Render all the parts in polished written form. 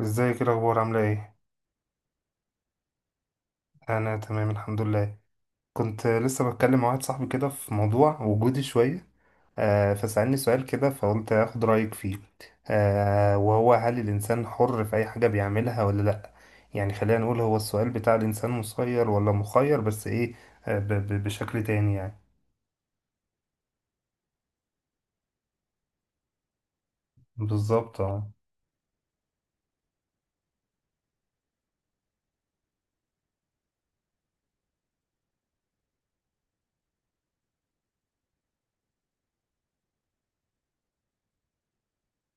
ازيك، ايه الاخبار؟ عامله ايه؟ انا تمام الحمد لله. كنت لسه بتكلم مع واحد صاحبي كده في موضوع وجودي شويه. فسألني سؤال كده فقلت اخد رايك فيه. وهو هل الانسان حر في اي حاجه بيعملها ولا لا؟ يعني خلينا نقول هو السؤال بتاع الانسان مسير ولا مخير، بس ايه، بشكل تاني يعني. بالظبط، اه.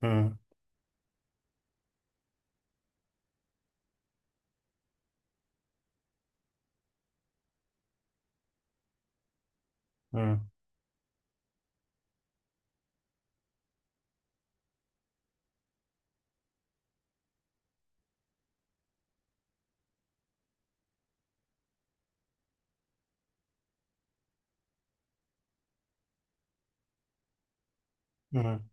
مم، مم، مم.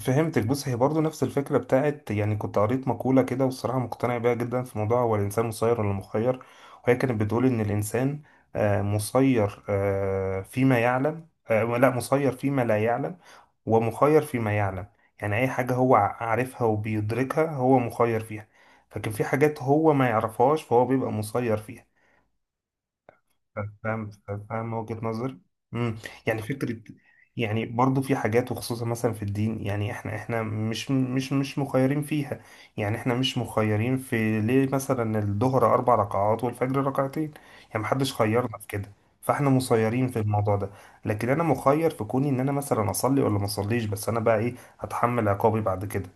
فهمتك. بص، هي برضو نفس الفكرة بتاعت، يعني كنت قريت مقولة كده والصراحة مقتنع بيها جدا، في موضوع هو الإنسان مسير ولا مخير. وهي كانت بتقول إن الإنسان مسير فيما يعلم، لا مسير فيما لا يعلم، ومخير فيما يعلم. يعني أي حاجة هو عارفها وبيدركها هو مخير فيها. لكن في حاجات هو ما يعرفهاش فهو بيبقى مسير فيها. فاهم، فاهم وجهة نظر. امم. يعني فكرة. يعني برضو في حاجات وخصوصا مثلا في الدين، يعني احنا مش مخيرين فيها. يعني احنا مش مخيرين في ليه مثلا الظهر اربع ركعات والفجر ركعتين. يعني محدش خيرنا في كده. فاحنا مسيرين في الموضوع ده. لكن انا مخير في كوني ان انا مثلا اصلي ولا ما اصليش، بس انا بقى ايه هتحمل عقابي بعد كده.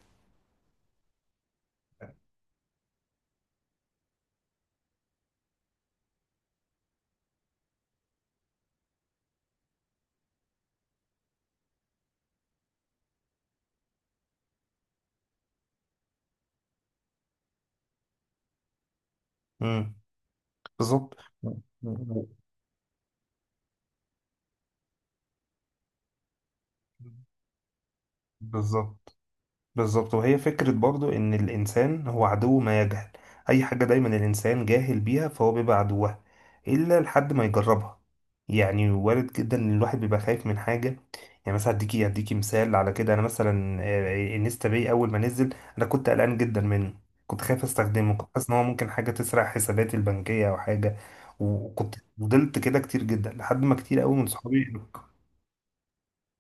امم. بالظبط. بالظبط. بالظبط، وهي فكرة برضو إن الإنسان هو عدو ما يجهل. أي حاجة دايما الإنسان جاهل بيها فهو بيبقى عدوها، إلا لحد ما يجربها. يعني وارد جدا إن الواحد بيبقى خايف من حاجة. يعني مثلا أديكي مثال على كده، أنا مثلا انستا باي أول ما نزل أنا كنت قلقان جدا منه. كنت خايف أستخدمه، كنت حاسس إن هو ممكن حاجة تسرق حساباتي البنكية أو حاجة. وكنت فضلت كده كتير جدا لحد ما كتير أوي من صحابي.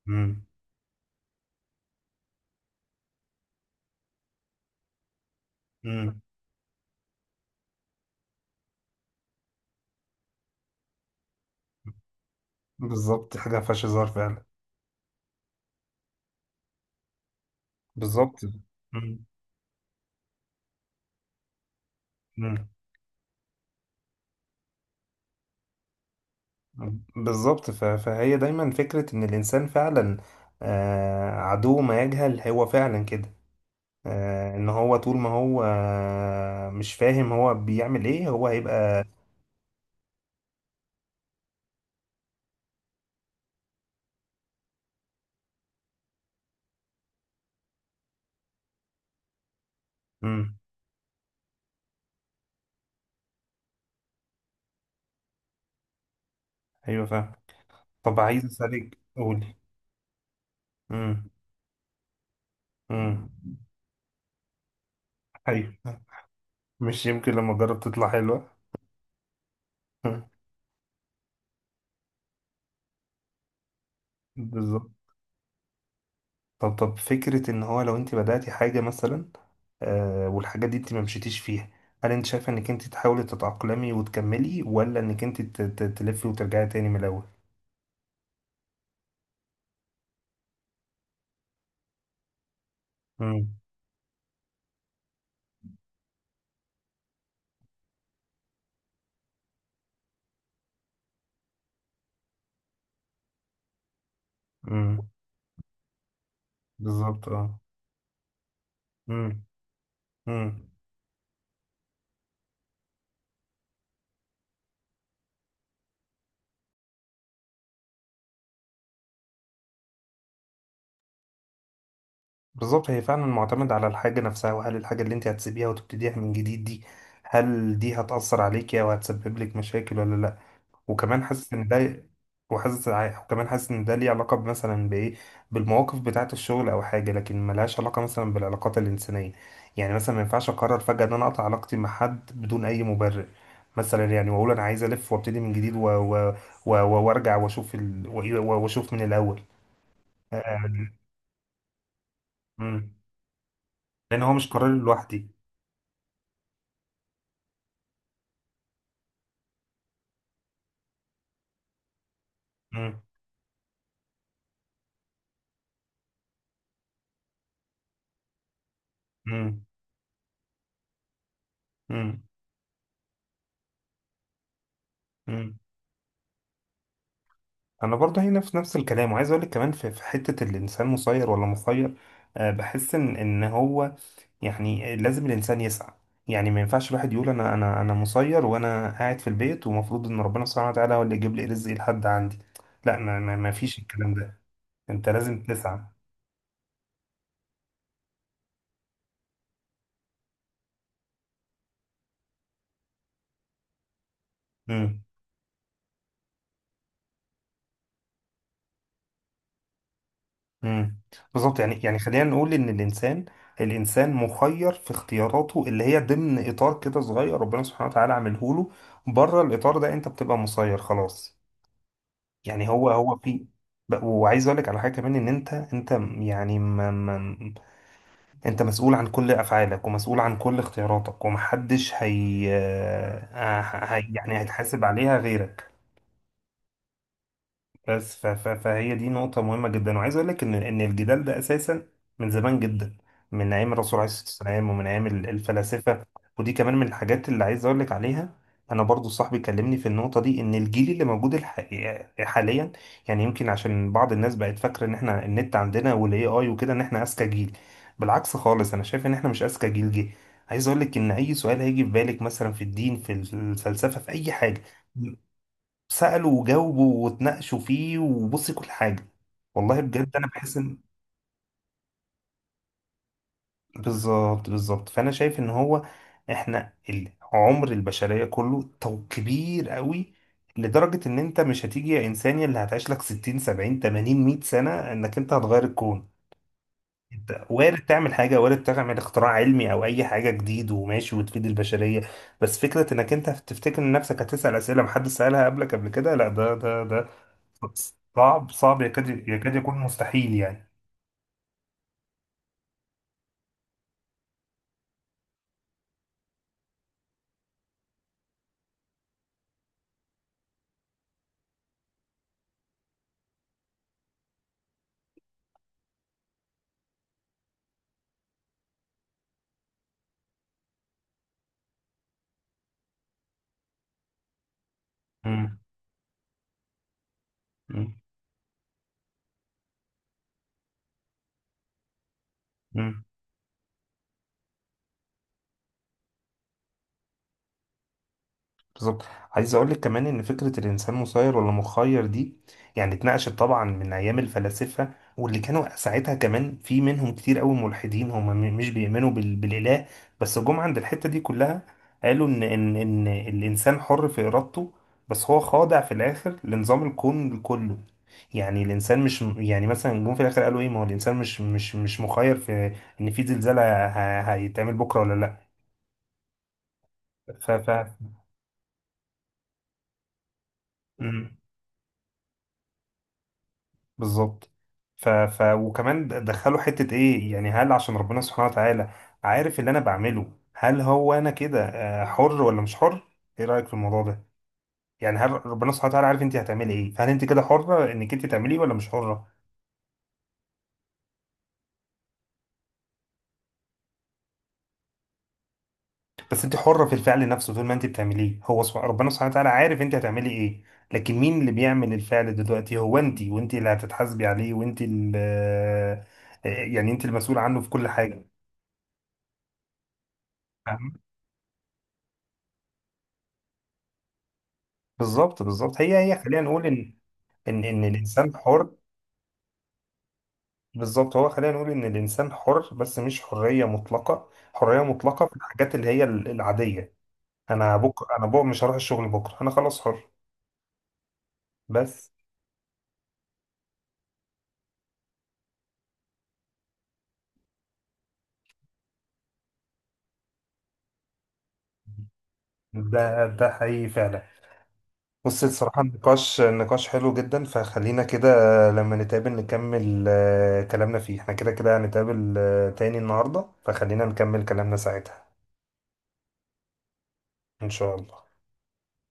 مم. مم. بالظبط، حاجة مفيهاش هزار فعلا. بالظبط. مم. مم. بالظبط، فهي دايما فكرة إن الإنسان فعلا عدو ما يجهل، هو فعلا كده. إن هو طول ما هو مش فاهم هو بيعمل إيه، هو هيبقى. مم. أيوه، فاهم. طب، عايز أسألك، قولي. مم. مم. أيوه، مش يمكن لما أجرب تطلع حلوة؟ بالظبط. طب فكرة إن هو لو أنت بدأتي حاجة مثلا، والحاجات دي انت ما مشيتيش فيها، هل انت شايفه انك انت تحاولي تتأقلمي وتكملي، ولا انك انت تلفي وترجعي تاني من الاول؟ امم، امم. بالظبط، اه. امم، امم. بالظبط، هي فعلا معتمد على الحاجه نفسها، وهل الحاجه اللي انت هتسيبيها وتبتديها من جديد دي، هل دي هتأثر عليكي او هتسبب لك مشاكل ولا لا؟ وكمان حاسس ان ده وكمان حاسس ان ده ليه علاقة مثلا بايه، بالمواقف بتاعة الشغل او حاجة، لكن ملهاش علاقة مثلا بالعلاقات الانسانية. يعني مثلا ما ينفعش اقرر فجأة ان انا اقطع علاقتي مع حد بدون اي مبرر. مثلا يعني واقول انا عايز الف وابتدي من جديد وارجع واشوف واشوف من الاول. آه، مم. لان هو مش قرار لوحدي. مم. مم. مم. انا برضه هي نفس الكلام، وعايز اقول لك كمان في حته الانسان مسير ولا مخير، بحس ان هو يعني لازم الانسان يسعى. يعني ما ينفعش الواحد يقول انا مسير وانا قاعد في البيت ومفروض ان ربنا سبحانه وتعالى هو اللي يجيب لي رزقي لحد عندي. لا، ما فيش الكلام ده. انت لازم تسعى. امم. امم. بالظبط، يعني خلينا نقول ان الانسان مخير في اختياراته اللي هي ضمن اطار كده صغير ربنا سبحانه وتعالى عامله له. بره الاطار ده انت بتبقى مسير خلاص. يعني هو هو في وعايز اقول لك على حاجه كمان ان انت يعني ما ما انت مسؤول عن كل افعالك ومسؤول عن كل اختياراتك، ومحدش هي يعني هيتحاسب عليها غيرك. بس فهي دي نقطة مهمة جدا، وعايز أقول لك إن الجدال ده أساسا من زمان جدا، من أيام الرسول عليه الصلاة والسلام، ومن أيام الفلاسفة. ودي كمان من الحاجات اللي عايز أقول لك عليها. أنا برضو صاحبي كلمني في النقطة دي، إن الجيل اللي موجود الحقيقة حاليا، يعني يمكن عشان بعض الناس بقت فاكرة إن إحنا النت عندنا والإي آي وكده، إن إحنا أذكى جيل. بالعكس خالص، أنا شايف إن إحنا مش أذكى جيل جه. عايز أقول لك إن أي سؤال هيجي في بالك مثلا في الدين، في الفلسفة، في أي حاجة، سألوا وجاوبوا واتناقشوا فيه، وبصي كل حاجة والله بجد، أنا بحس إن، بالظبط. بالظبط. فأنا شايف إن هو إحنا عمر البشرية كله تو كبير قوي، لدرجة إن أنت مش هتيجي يا إنسان يا اللي هتعيش لك 60 70 80 100 سنة إنك أنت هتغير الكون. أنت وارد تعمل حاجة، وارد تعمل اختراع علمي أو أي حاجة جديد وماشي وتفيد البشرية. بس فكرة إنك أنت تفتكر إن نفسك هتسأل أسئلة محدش سألها قبلك قبل كده، لا، ده صعب، صعب، يكاد يكاد يكون مستحيل يعني. مم. مم. مم. بالظبط، عايز اقول لك كمان ان فكره الانسان مسير ولا مخير دي، يعني اتناقشت طبعا من ايام الفلاسفه، واللي كانوا ساعتها كمان في منهم كتير قوي ملحدين، هم مش بيؤمنوا بالاله. بس جم عند الحته دي كلها، قالوا ان الانسان حر في ارادته، بس هو خاضع في الاخر لنظام الكون كله. يعني الانسان مش، يعني مثلا جم في الاخر قالوا ايه، ما هو الانسان مش مخير في ان في زلزال هيتعمل بكره ولا لا. ف ف بالظبط. وكمان دخلوا حتة ايه، يعني هل عشان ربنا سبحانه وتعالى عارف اللي انا بعمله، هل هو انا كده حر ولا مش حر؟ ايه رأيك في الموضوع ده؟ يعني هل ربنا سبحانه وتعالى عارف انت هتعملي ايه، فهل انت كده حرة انك انت تعمليه ولا مش حرة؟ بس انت حرة في الفعل نفسه، طول ما انت بتعمليه هو ربنا سبحانه وتعالى عارف انت هتعملي ايه. لكن مين اللي بيعمل الفعل دلوقتي؟ هو انت، وانت اللي هتتحاسبي عليه، وانت اللي يعني انت المسؤول عنه في كل حاجة. فاهمة؟ بالظبط، بالظبط. هي خلينا نقول ان الانسان حر. بالظبط، هو خلينا نقول ان الانسان حر بس مش حريه مطلقه، حريه مطلقه في الحاجات اللي هي العاديه. انا بكره مش هروح الشغل، بكره انا خلاص حر. بس. ده حقيقي فعلا. بص، الصراحه النقاش نقاش حلو جدا، فخلينا كده لما نتقابل نكمل كلامنا فيه، احنا كده كده هنتقابل تاني النهارده، فخلينا نكمل كلامنا ساعتها. ان شاء الله.